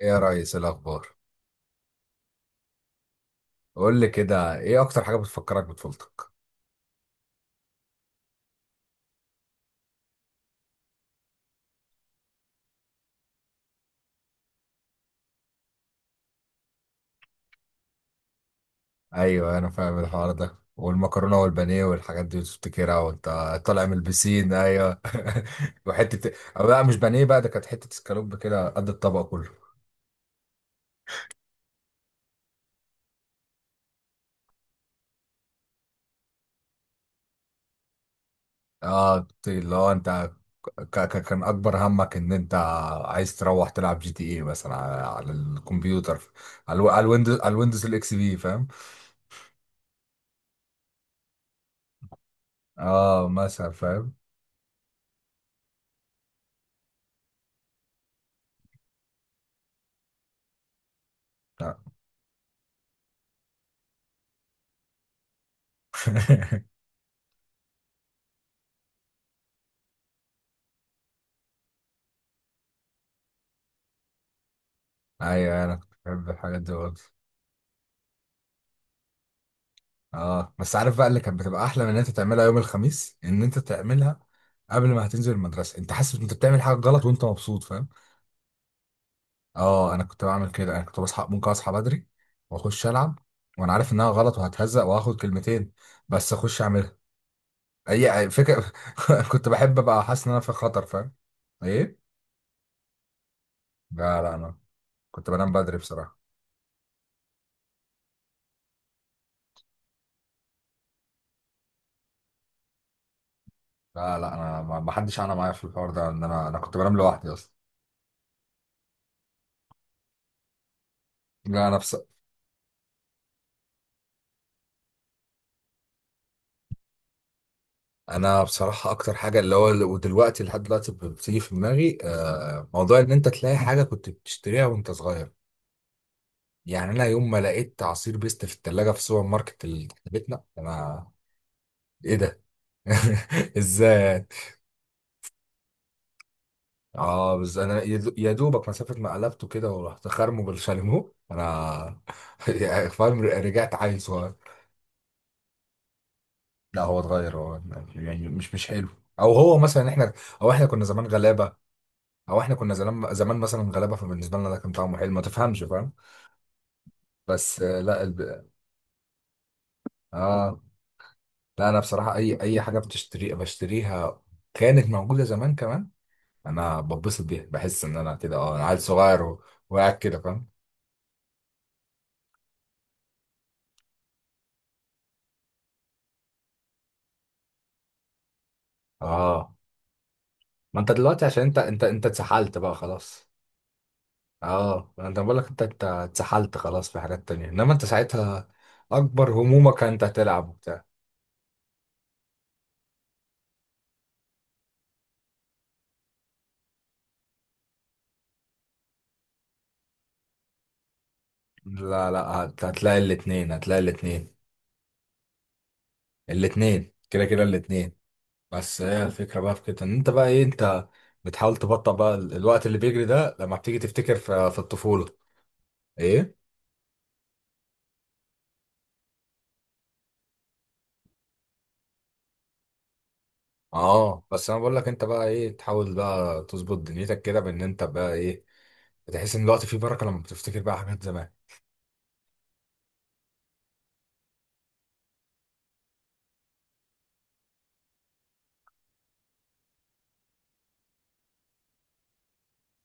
ايه يا ريس، إيه الاخبار؟ قول لي كده، ايه اكتر حاجه بتفكرك بطفولتك؟ ايوه، انا فاهم الحوار ده، والمكرونه والبانيه والحاجات دي بتفتكرها وانت طالع من البسين، ايوه. وحته، أو لا مش بانيه بقى، ده كانت حته اسكالوب كده قد الطبق كله. اه، اللي هو انت كان اكبر همك ان انت عايز تروح تلعب جي تي ايه مثلا على الكمبيوتر، على الويندوز الاكس بي، فاهم؟ اه، مثلا، فاهم. ايوه، انا كنت بحب الحاجات دي برضه. اه، بس عارف بقى اللي كانت بتبقى احلى من ان انت تعملها يوم الخميس؟ ان انت تعملها قبل ما هتنزل المدرسه، انت حاسس ان انت بتعمل حاجه غلط وانت مبسوط، فاهم؟ اه، انا كنت بعمل كده، انا كنت بصحى، ممكن اصحى بدري واخش العب، وانا عارف انها غلط وهتهزق وهاخد كلمتين، بس اخش اعملها. اي فكره. كنت بحب ابقى حاسس ان انا في خطر، فاهم. ايه. لا، لا، انا كنت بنام بدري بصراحه. لا، لا، انا ما حدش انا معايا في الحوار ده، ان انا كنت بنام لوحدي اصلا. لا، انا انا بصراحه اكتر حاجه اللي هو، ودلوقتي لحد دلوقتي بتيجي في دماغي، موضوع ان انت تلاقي حاجه كنت بتشتريها وانت صغير. يعني انا يوم ما لقيت عصير بيست في الثلاجه في السوبر ماركت اللي تحت بيتنا، انا: ايه ده؟ ازاي؟ اه، بس انا يا دوبك مسافه ما قلبته كده ورحت خرمه بالشاليمو انا، يعني فاهم، رجعت عيل صغير. لا، هو اتغير هو، يعني مش حلو. او هو مثلا احنا، او احنا كنا زمان غلابه، او احنا كنا زمان زمان مثلا غلابه، فبالنسبه لنا ده كان طعمه حلو، ما تفهمش، فاهم. بس، لا اه، لا، انا بصراحه اي حاجه بتشتري بشتريها كانت موجوده زمان كمان. انا بتبسط بيها، بحس ان انا كده، اه انا عيل صغير وقاعد كده، فاهم. اه، ما انت دلوقتي عشان انت اتسحلت بقى خلاص. اه، انت بقول لك انت اتسحلت خلاص في حاجات تانية، انما انت ساعتها اكبر همومك انت هتلعب وبتاع. لا، لا، هتلاقي الاتنين. الاتنين كده كده الاتنين. بس هي الفكرة بقى في كده، ان انت بقى ايه، انت بتحاول تبطئ بقى الوقت اللي بيجري ده لما بتيجي تفتكر في الطفولة. ايه. اه، بس انا بقول لك انت بقى ايه، تحاول بقى تظبط دنيتك كده بان انت بقى ايه، بتحس ان الوقت فيه بركة لما بتفتكر بقى حاجات زمان.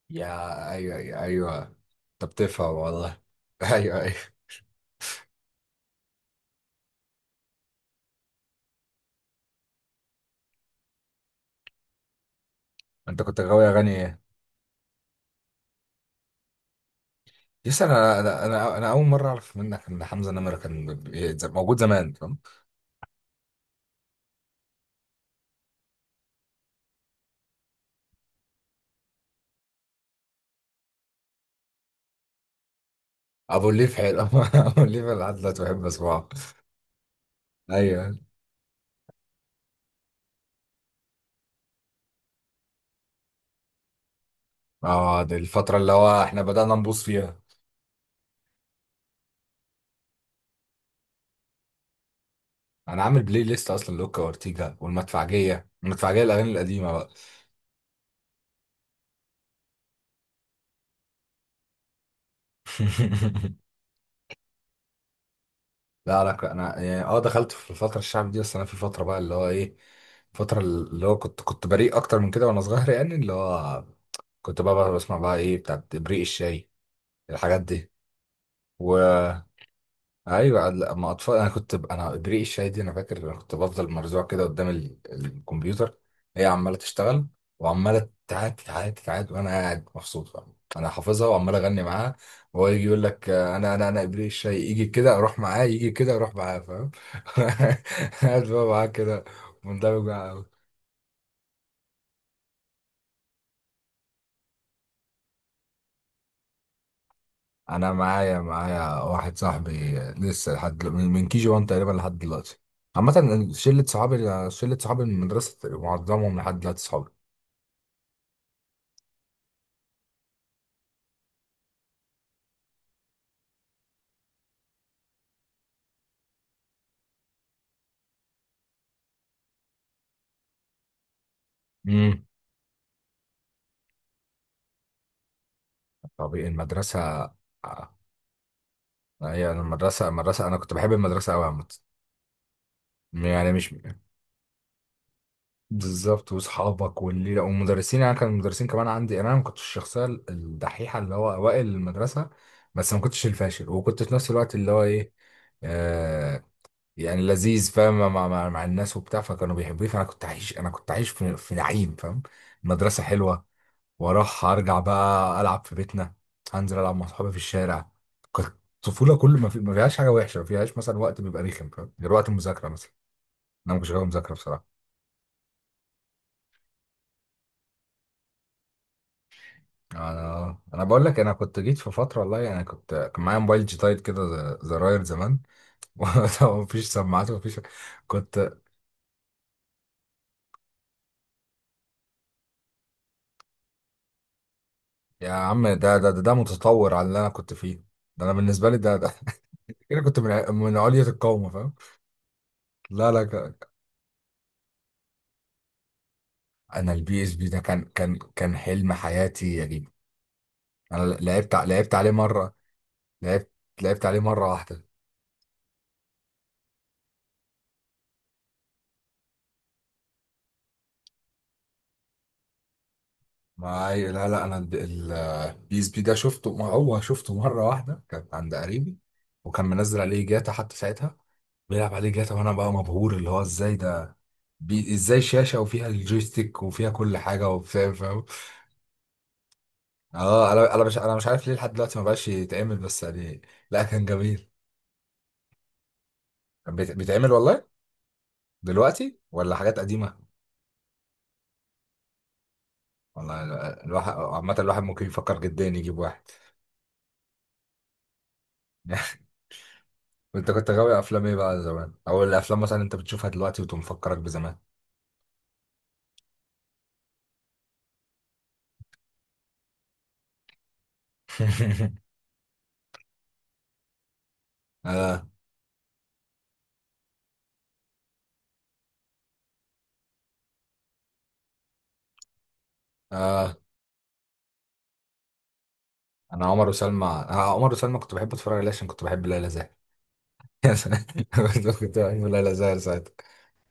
يا ايوه، يا ايوه، انت بتفهم والله. ايوه، ايوه. انت كنت غاوي اغاني ايه؟ يس، انا انا انا أنا اول مره اعرف منك ان حمزه نمره كان موجود زمان، فاهم. ابو الليف حلو. ابو الليف أنا لحد دلوقتي بحب اسمعه. ايوه. اه، دي الفترة اللي هو احنا بدأنا نبوظ فيها. انا عامل بلاي ليست اصلا لوكا وارتيجا والمدفعجية، المدفعجية الاغاني القديمة بقى. لا، لا، انا يعني اه، دخلت في الفترة الشعب دي، بس انا في فترة بقى اللي هو ايه، فترة اللي هو كنت بريء اكتر من كده وانا صغير، يعني اللي هو كنت بقى بسمع بقى ايه بتاعت بريق الشاي، الحاجات دي، و. ايوه، اما اطفال، انا كنت انا ابريق الشاي دي انا فاكر، انا كنت بفضل مرزوع كده قدام الكمبيوتر، هي عماله تشتغل، وعماله تعاد تعاد تعاد، وانا قاعد مبسوط، فاهم. انا حافظها وعمال اغني معاها، وهو يجي يقول لك، انا انا انا ابريق الشاي، يجي كده اروح معاه، يجي كده اروح معاه، فاهم. قاعد بقى معاه كده، مندمج معاه أوي. انا معايا معايا واحد صاحبي لسه لحد من كي جي 1 تقريبا لحد دلوقتي. عامة شلة صحابي، شلة صحابي من المدرسة معظمهم لحد دلوقتي صحابي. امم. طبيعي، المدرسة، آه، هي، أنا المدرسة، أنا كنت بحب المدرسة أوي عامة. يعني مش، بالظبط، وأصحابك والليلة والمدرسين، يعني كان المدرسين كمان عندي، يعني أنا ما كنتش الشخصية الدحيحة اللي هو أوائل المدرسة. بس ما كنتش الفاشل، وكنت في نفس الوقت اللي هو إيه، آه يعني لذيذ، فاهم، مع الناس وبتاع، فكانوا بيحبوني، فأنا كنت عايش، أنا كنت عايش في نعيم، فاهم. المدرسة حلوة، واروح ارجع بقى العب في بيتنا، هنزل العب مع صحابي في الشارع. كانت الطفوله كل ما، ما فيهاش حاجه وحشه، ما فيهاش مثلا وقت بيبقى رخم، فاهم؟ غير وقت المذاكره مثلا. انا ما كنتش غاوي مذاكره بصراحه. انا بقول لك، انا كنت جيت في فتره والله، يعني كان معايا موبايل جيتايد كده، زراير زمان، ومفيش سماعات ومفيش، كنت. يا عم، ده متطور على اللي انا كنت فيه. ده انا بالنسبه لي ده، كده كنت من علية القومه، فاهم. لا، لا، انا البي اس بي ده كان حلم حياتي يا جدعان. انا لعبت عليه مره، لعبت لعبت عليه مره واحده. ما هي- لا، لا، انا البي اس بي ده شفته، ما هو شفته مره واحده، كانت عند قريبي، وكان منزل عليه جاتا حتى ساعتها، بيلعب عليه جاتا، وانا بقى مبهور، اللي هو ازاي ده، ازاي شاشه وفيها الجويستيك وفيها كل حاجه وبتاع، فاهم. اه، انا انا مش انا مش عارف ليه لحد دلوقتي ما بقاش يتعمل، بس يعني. لا، كان جميل، كان بيتعمل والله دلوقتي، ولا حاجات قديمه؟ والله. الواحد عامه، الواحد ممكن يفكر جدا يجيب واحد. انت كنت غاوي افلام ايه بقى زمان، او الافلام مثلا انت بتشوفها دلوقتي وتقوم مفكرك بزمان؟ اه، اه، انا عمر وسلمى، عمر وسلمى كنت بحب اتفرج عليه عشان كنت بحب ليلى زاهر. يا سلام. كنت بحب ليلى زاهر ساعتها.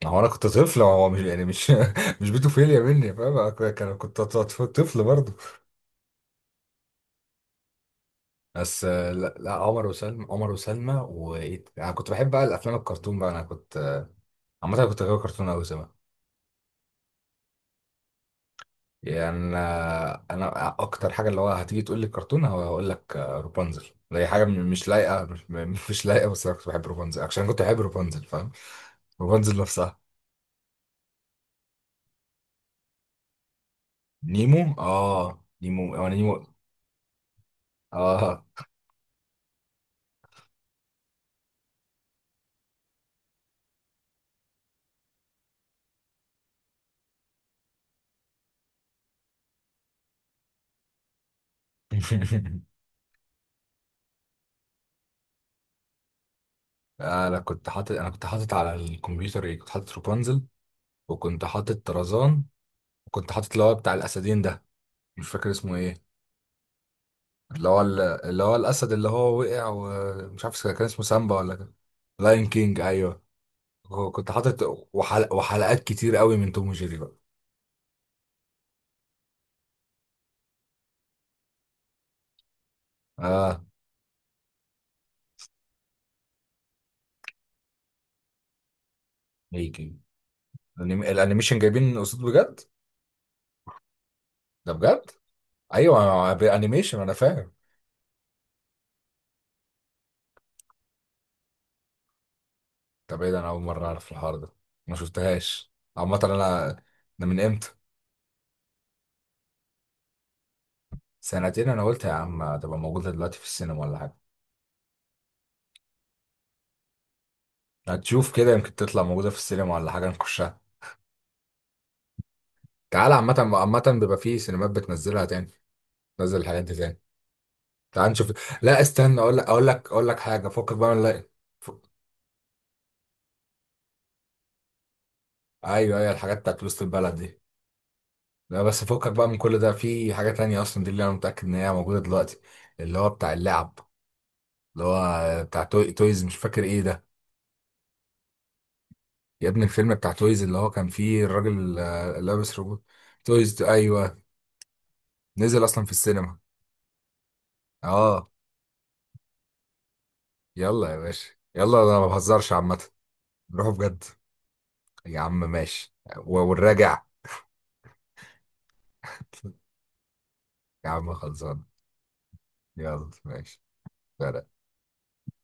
هو انا كنت طفل، هو مش يعني مش، مش بيتوفيليا مني، فاهم، أنا كنت طفل برضه. بس، لا، لا، عمر وسلمى، وايه، انا كنت بحب بقى الافلام الكرتون بقى، انا كنت عامه كنت غاوي كرتون قوي. يعني، أنا اكتر حاجه اللي هو هتيجي تقول لي كرتون، هو هقول لك، رابنزل. ده هي حاجه مش لايقه، مش, م- مش لايقه، بس انا كنت بحب رابنزل عشان كنت بحب رابنزل، فاهم. رابنزل نفسها. نيمو. اه، نيمو. اه، نيمو. اه. انا كنت حاطط على الكمبيوتر، ايه، كنت حاطط رابنزل، وكنت حاطط طرزان، وكنت حاطط اللي هو بتاع الاسدين ده، مش فاكر اسمه ايه، اللي هو اللي هو الاسد اللي هو وقع، ومش عارف كان اسمه سامبا ولا لاين كينج، ايوه. هو كنت حاطط وحلقات كتير قوي من توم وجيري بقى. اه، ميكي، الانيميشن جايبين قصاد بجد. ده بجد. ايوه، انيميشن، انا فاهم. طب ايه ده، انا اول مره اعرف الحوار ده، ما شفتهاش. عامه انا، ده من امتى؟ سنتين. انا قلت يا عم هتبقى موجوده دلوقتي في السينما ولا حاجه. هتشوف كده، يمكن تطلع موجوده في السينما ولا حاجه، نخشها. تعال، عامه بيبقى في سينمات بتنزلها تاني، تنزل الحاجات دي تاني. تعال نشوف. لا، استنى، اقول لك حاجه، فكك بقى من، لا. ايوه، ايوه، الحاجات بتاعت وسط البلد دي. لا، بس فكك بقى من كل ده، في حاجة تانية اصلا، دي اللي انا متأكد ان هي موجودة دلوقتي، اللي هو بتاع اللعب، اللي هو بتاع تويز، مش فاكر ايه ده. يا ابني الفيلم بتاع تويز اللي هو كان فيه الراجل، لابس روبوت. تويز، ايوه. نزل اصلا في السينما. اه. يلا يا باشا. يلا، انا ما بهزرش عامة. نروح بجد. يا عم ماشي، والراجع. يا عم، خلصان. يلا، ماشي.